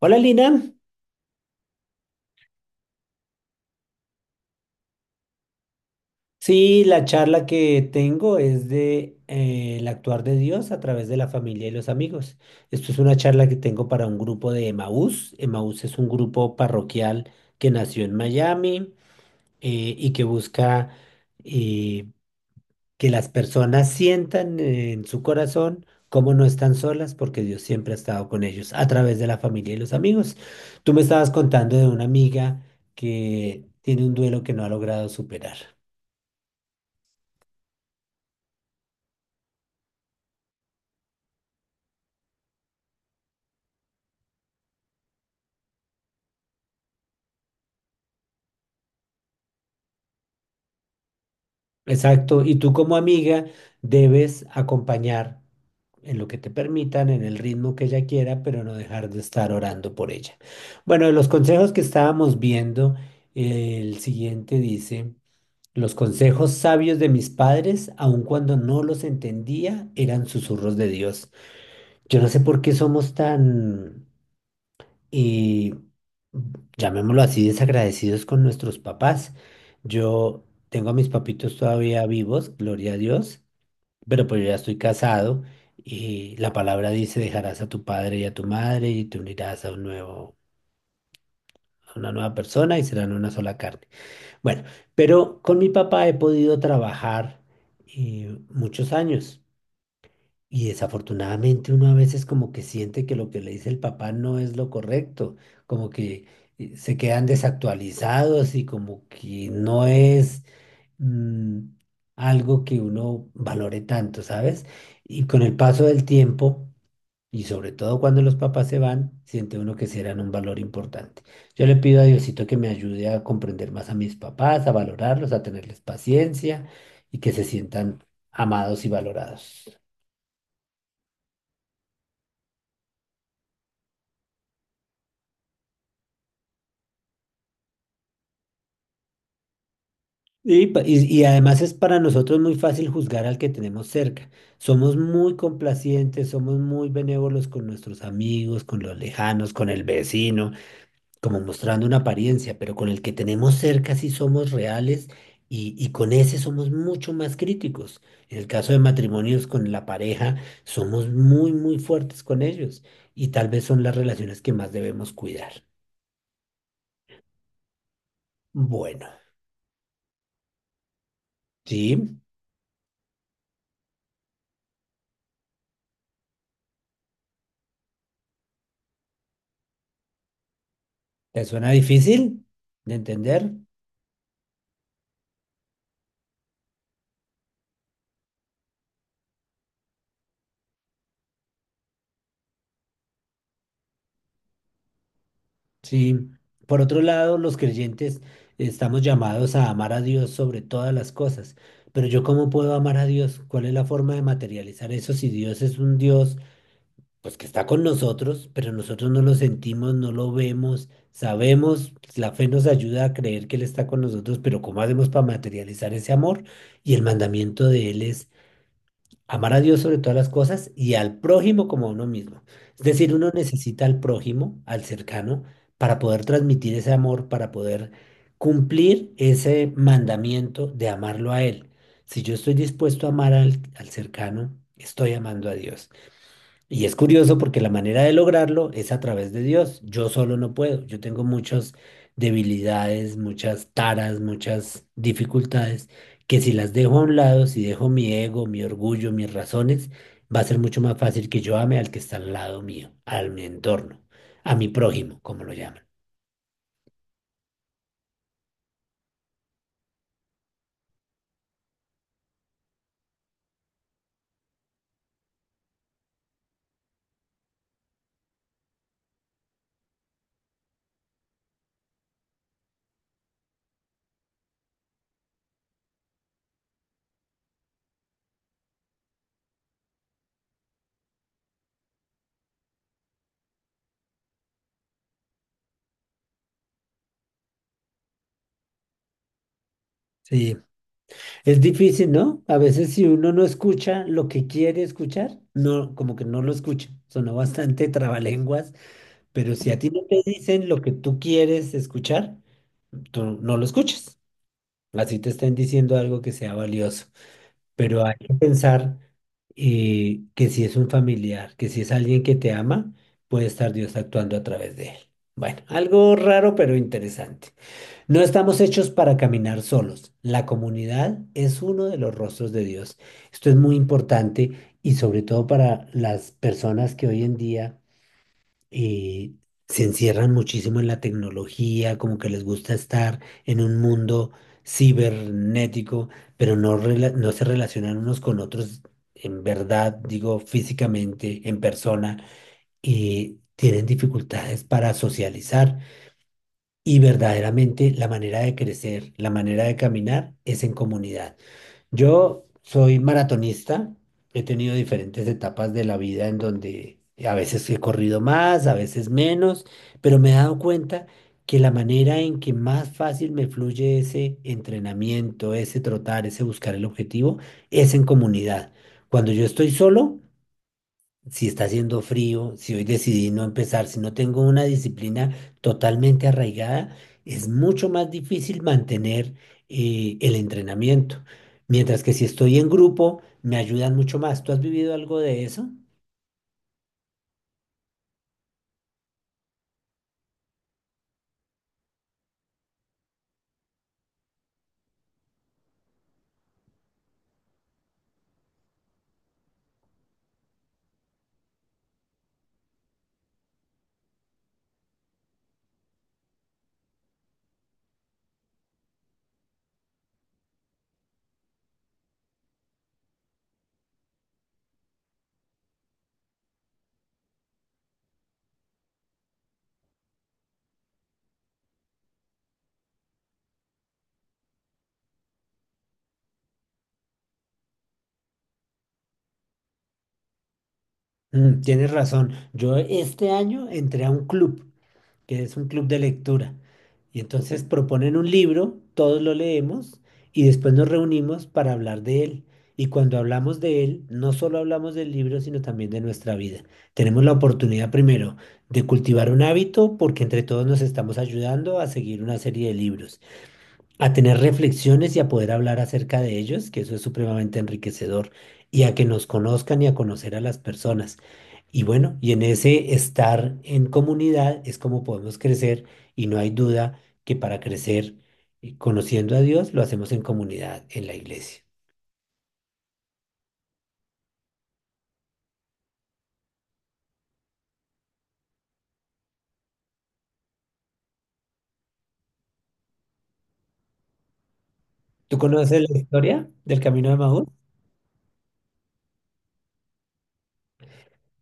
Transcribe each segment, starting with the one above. Hola Lina, sí, la charla que tengo es de el actuar de Dios a través de la familia y los amigos. Esto es una charla que tengo para un grupo de Emaús. Emaús es un grupo parroquial que nació en Miami y que busca eh, que las personas sientan en su corazón cómo no están solas porque Dios siempre ha estado con ellos a través de la familia y los amigos. Tú me estabas contando de una amiga que tiene un duelo que no ha logrado superar. Exacto, y tú como amiga debes acompañar en lo que te permitan, en el ritmo que ella quiera, pero no dejar de estar orando por ella. Bueno, de los consejos que estábamos viendo, el siguiente dice, los consejos sabios de mis padres, aun cuando no los entendía, eran susurros de Dios. Yo no sé por qué somos tan y llamémoslo así, desagradecidos con nuestros papás. Yo tengo a mis papitos todavía vivos, gloria a Dios, pero pues yo ya estoy casado y la palabra dice, dejarás a tu padre y a tu madre y te unirás a un nuevo, a una nueva persona y serán una sola carne. Bueno, pero con mi papá he podido trabajar muchos años. Y desafortunadamente uno a veces como que siente que lo que le dice el papá no es lo correcto, como que se quedan desactualizados y como que no es mm, algo que uno valore tanto, ¿sabes? Y con el paso del tiempo, y sobre todo cuando los papás se van, siente uno que sí eran un valor importante. Yo le pido a Diosito que me ayude a comprender más a mis papás, a valorarlos, a tenerles paciencia y que se sientan amados y valorados. Y además es para nosotros muy fácil juzgar al que tenemos cerca. Somos muy complacientes, somos muy benévolos con nuestros amigos, con los lejanos, con el vecino, como mostrando una apariencia, pero con el que tenemos cerca sí somos reales y con ese somos mucho más críticos. En el caso de matrimonios con la pareja, somos muy, muy fuertes con ellos y tal vez son las relaciones que más debemos cuidar. Bueno, ¿sí? ¿Te suena difícil de entender? Sí, por otro lado, los creyentes estamos llamados a amar a Dios sobre todas las cosas, pero ¿yo cómo puedo amar a Dios? ¿Cuál es la forma de materializar eso si Dios es un Dios pues que está con nosotros, pero nosotros no lo sentimos, no lo vemos, sabemos, la fe nos ayuda a creer que Él está con nosotros, pero ¿cómo hacemos para materializar ese amor? Y el mandamiento de Él es amar a Dios sobre todas las cosas y al prójimo como a uno mismo. Es decir, uno necesita al prójimo, al cercano, para poder transmitir ese amor, para poder cumplir ese mandamiento de amarlo a él. Si yo estoy dispuesto a amar al cercano, estoy amando a Dios. Y es curioso porque la manera de lograrlo es a través de Dios. Yo solo no puedo. Yo tengo muchas debilidades, muchas taras, muchas dificultades que si las dejo a un lado, si dejo mi ego, mi orgullo, mis razones, va a ser mucho más fácil que yo ame al que está al lado mío, al mi entorno, a mi prójimo, como lo llaman. Sí, es difícil, ¿no? A veces si uno no escucha lo que quiere escuchar, no, como que no lo escucha. Sonó bastante trabalenguas. Pero si a ti no te dicen lo que tú quieres escuchar, tú no lo escuchas. Así te están diciendo algo que sea valioso. Pero hay que pensar que si es un familiar, que si es alguien que te ama, puede estar Dios actuando a través de él. Bueno, algo raro pero interesante. No estamos hechos para caminar solos. La comunidad es uno de los rostros de Dios. Esto es muy importante y sobre todo para las personas que hoy en día eh, se encierran muchísimo en la tecnología, como que les gusta estar en un mundo cibernético, pero no, no se relacionan unos con otros en verdad, digo, físicamente, en persona, y tienen dificultades para socializar. Y verdaderamente la manera de crecer, la manera de caminar es en comunidad. Yo soy maratonista, he tenido diferentes etapas de la vida en donde a veces he corrido más, a veces menos, pero me he dado cuenta que la manera en que más fácil me fluye ese entrenamiento, ese trotar, ese buscar el objetivo, es en comunidad. Cuando yo estoy solo, si está haciendo frío, si hoy decidí no empezar, si no tengo una disciplina totalmente arraigada, es mucho más difícil mantener el entrenamiento. Mientras que si estoy en grupo, me ayudan mucho más. ¿Tú has vivido algo de eso? Mm, tienes razón. Yo este año entré a un club. Que es un club de lectura. Y entonces proponen un libro, todos lo leemos y después nos reunimos para hablar de él. Y cuando hablamos de él, no solo hablamos del libro, sino también de nuestra vida. Tenemos la oportunidad primero de cultivar un hábito porque entre todos nos estamos ayudando a seguir una serie de libros a tener reflexiones y a poder hablar acerca de ellos, que eso es supremamente enriquecedor, y a que nos conozcan y a conocer a las personas. Y bueno, y en ese estar en comunidad es como podemos crecer y no hay duda que para crecer conociendo a Dios lo hacemos en comunidad, en la iglesia. ¿Tú conoces la historia del Camino de Maús?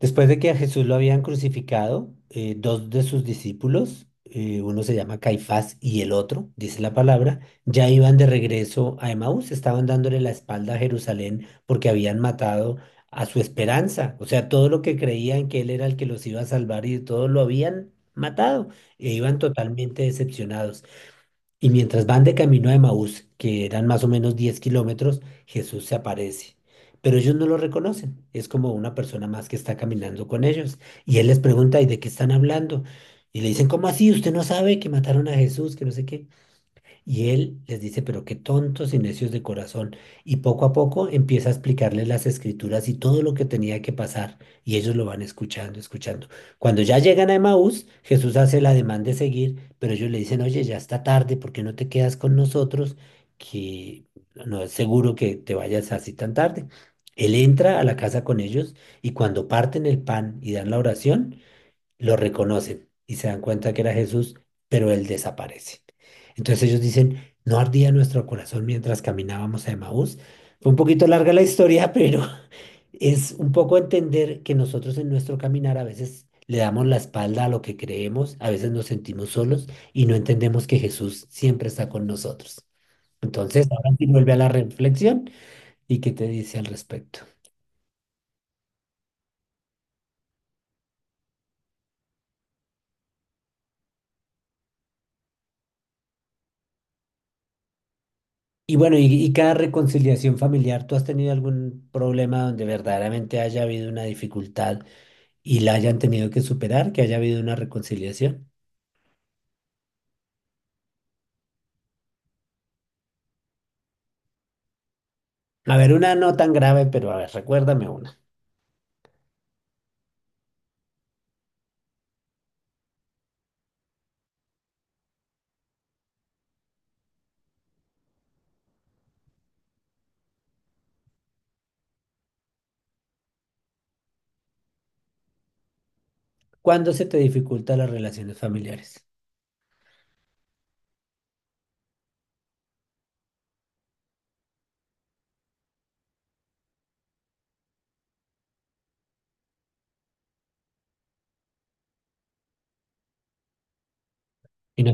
Después de que a Jesús lo habían crucificado, dos de sus discípulos, uno se llama Caifás y el otro, dice la palabra, ya iban de regreso a Emaús, estaban dándole la espalda a Jerusalén porque habían matado a su esperanza, o sea, todo lo que creían que él era el que los iba a salvar y todo lo habían matado e iban totalmente decepcionados. Y mientras van de camino a Emaús, que eran más o menos 10 kilómetros, Jesús se aparece. Pero ellos no lo reconocen. Es como una persona más que está caminando con ellos. Y él les pregunta, ¿y de qué están hablando? Y le dicen, ¿cómo así? ¿Usted no sabe que mataron a Jesús? Que no sé qué. Y él les dice, pero qué tontos y necios de corazón. Y poco a poco empieza a explicarles las escrituras y todo lo que tenía que pasar. Y ellos lo van escuchando, escuchando. Cuando ya llegan a Emaús, Jesús hace el ademán de seguir, pero ellos le dicen, oye, ya está tarde, ¿por qué no te quedas con nosotros? Que no es seguro que te vayas así tan tarde. Él entra a la casa con ellos y cuando parten el pan y dan la oración, lo reconocen y se dan cuenta que era Jesús, pero él desaparece. Entonces ellos dicen, no ardía nuestro corazón mientras caminábamos a Emaús. Fue un poquito larga la historia, pero es un poco entender que nosotros en nuestro caminar a veces le damos la espalda a lo que creemos, a veces nos sentimos solos y no entendemos que Jesús siempre está con nosotros. Entonces, ahora sí vuelve a la reflexión y qué te dice al respecto. Y bueno, y cada reconciliación familiar, ¿tú has tenido algún problema donde verdaderamente haya habido una dificultad y la hayan tenido que superar, que haya habido una reconciliación? A ver, una no tan grave, pero a ver, recuérdame una. ¿Cuándo se te dificultan las relaciones familiares? Y no-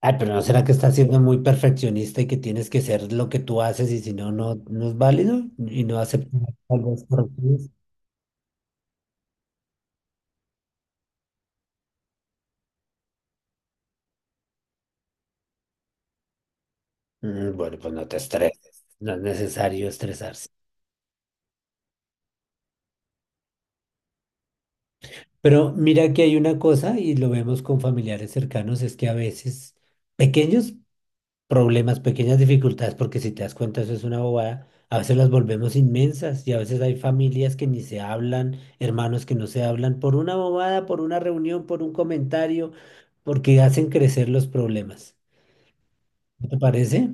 Ay, pero ¿no será que estás siendo muy perfeccionista y que tienes que ser lo que tú haces y si no, no, no es válido y no aceptas algo correctivo? Mm, bueno, pues no te estreses, no es necesario estresarse. Pero mira que hay una cosa, y lo vemos con familiares cercanos, es que a veces pequeños problemas, pequeñas dificultades, porque si te das cuenta eso es una bobada, a veces las volvemos inmensas y a veces hay familias que ni se hablan, hermanos que no se hablan por una bobada, por una reunión, por un comentario, porque hacen crecer los problemas. ¿No te parece?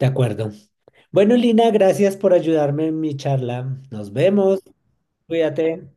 De acuerdo. Bueno, Lina, gracias por ayudarme en mi charla. Nos vemos. Cuídate.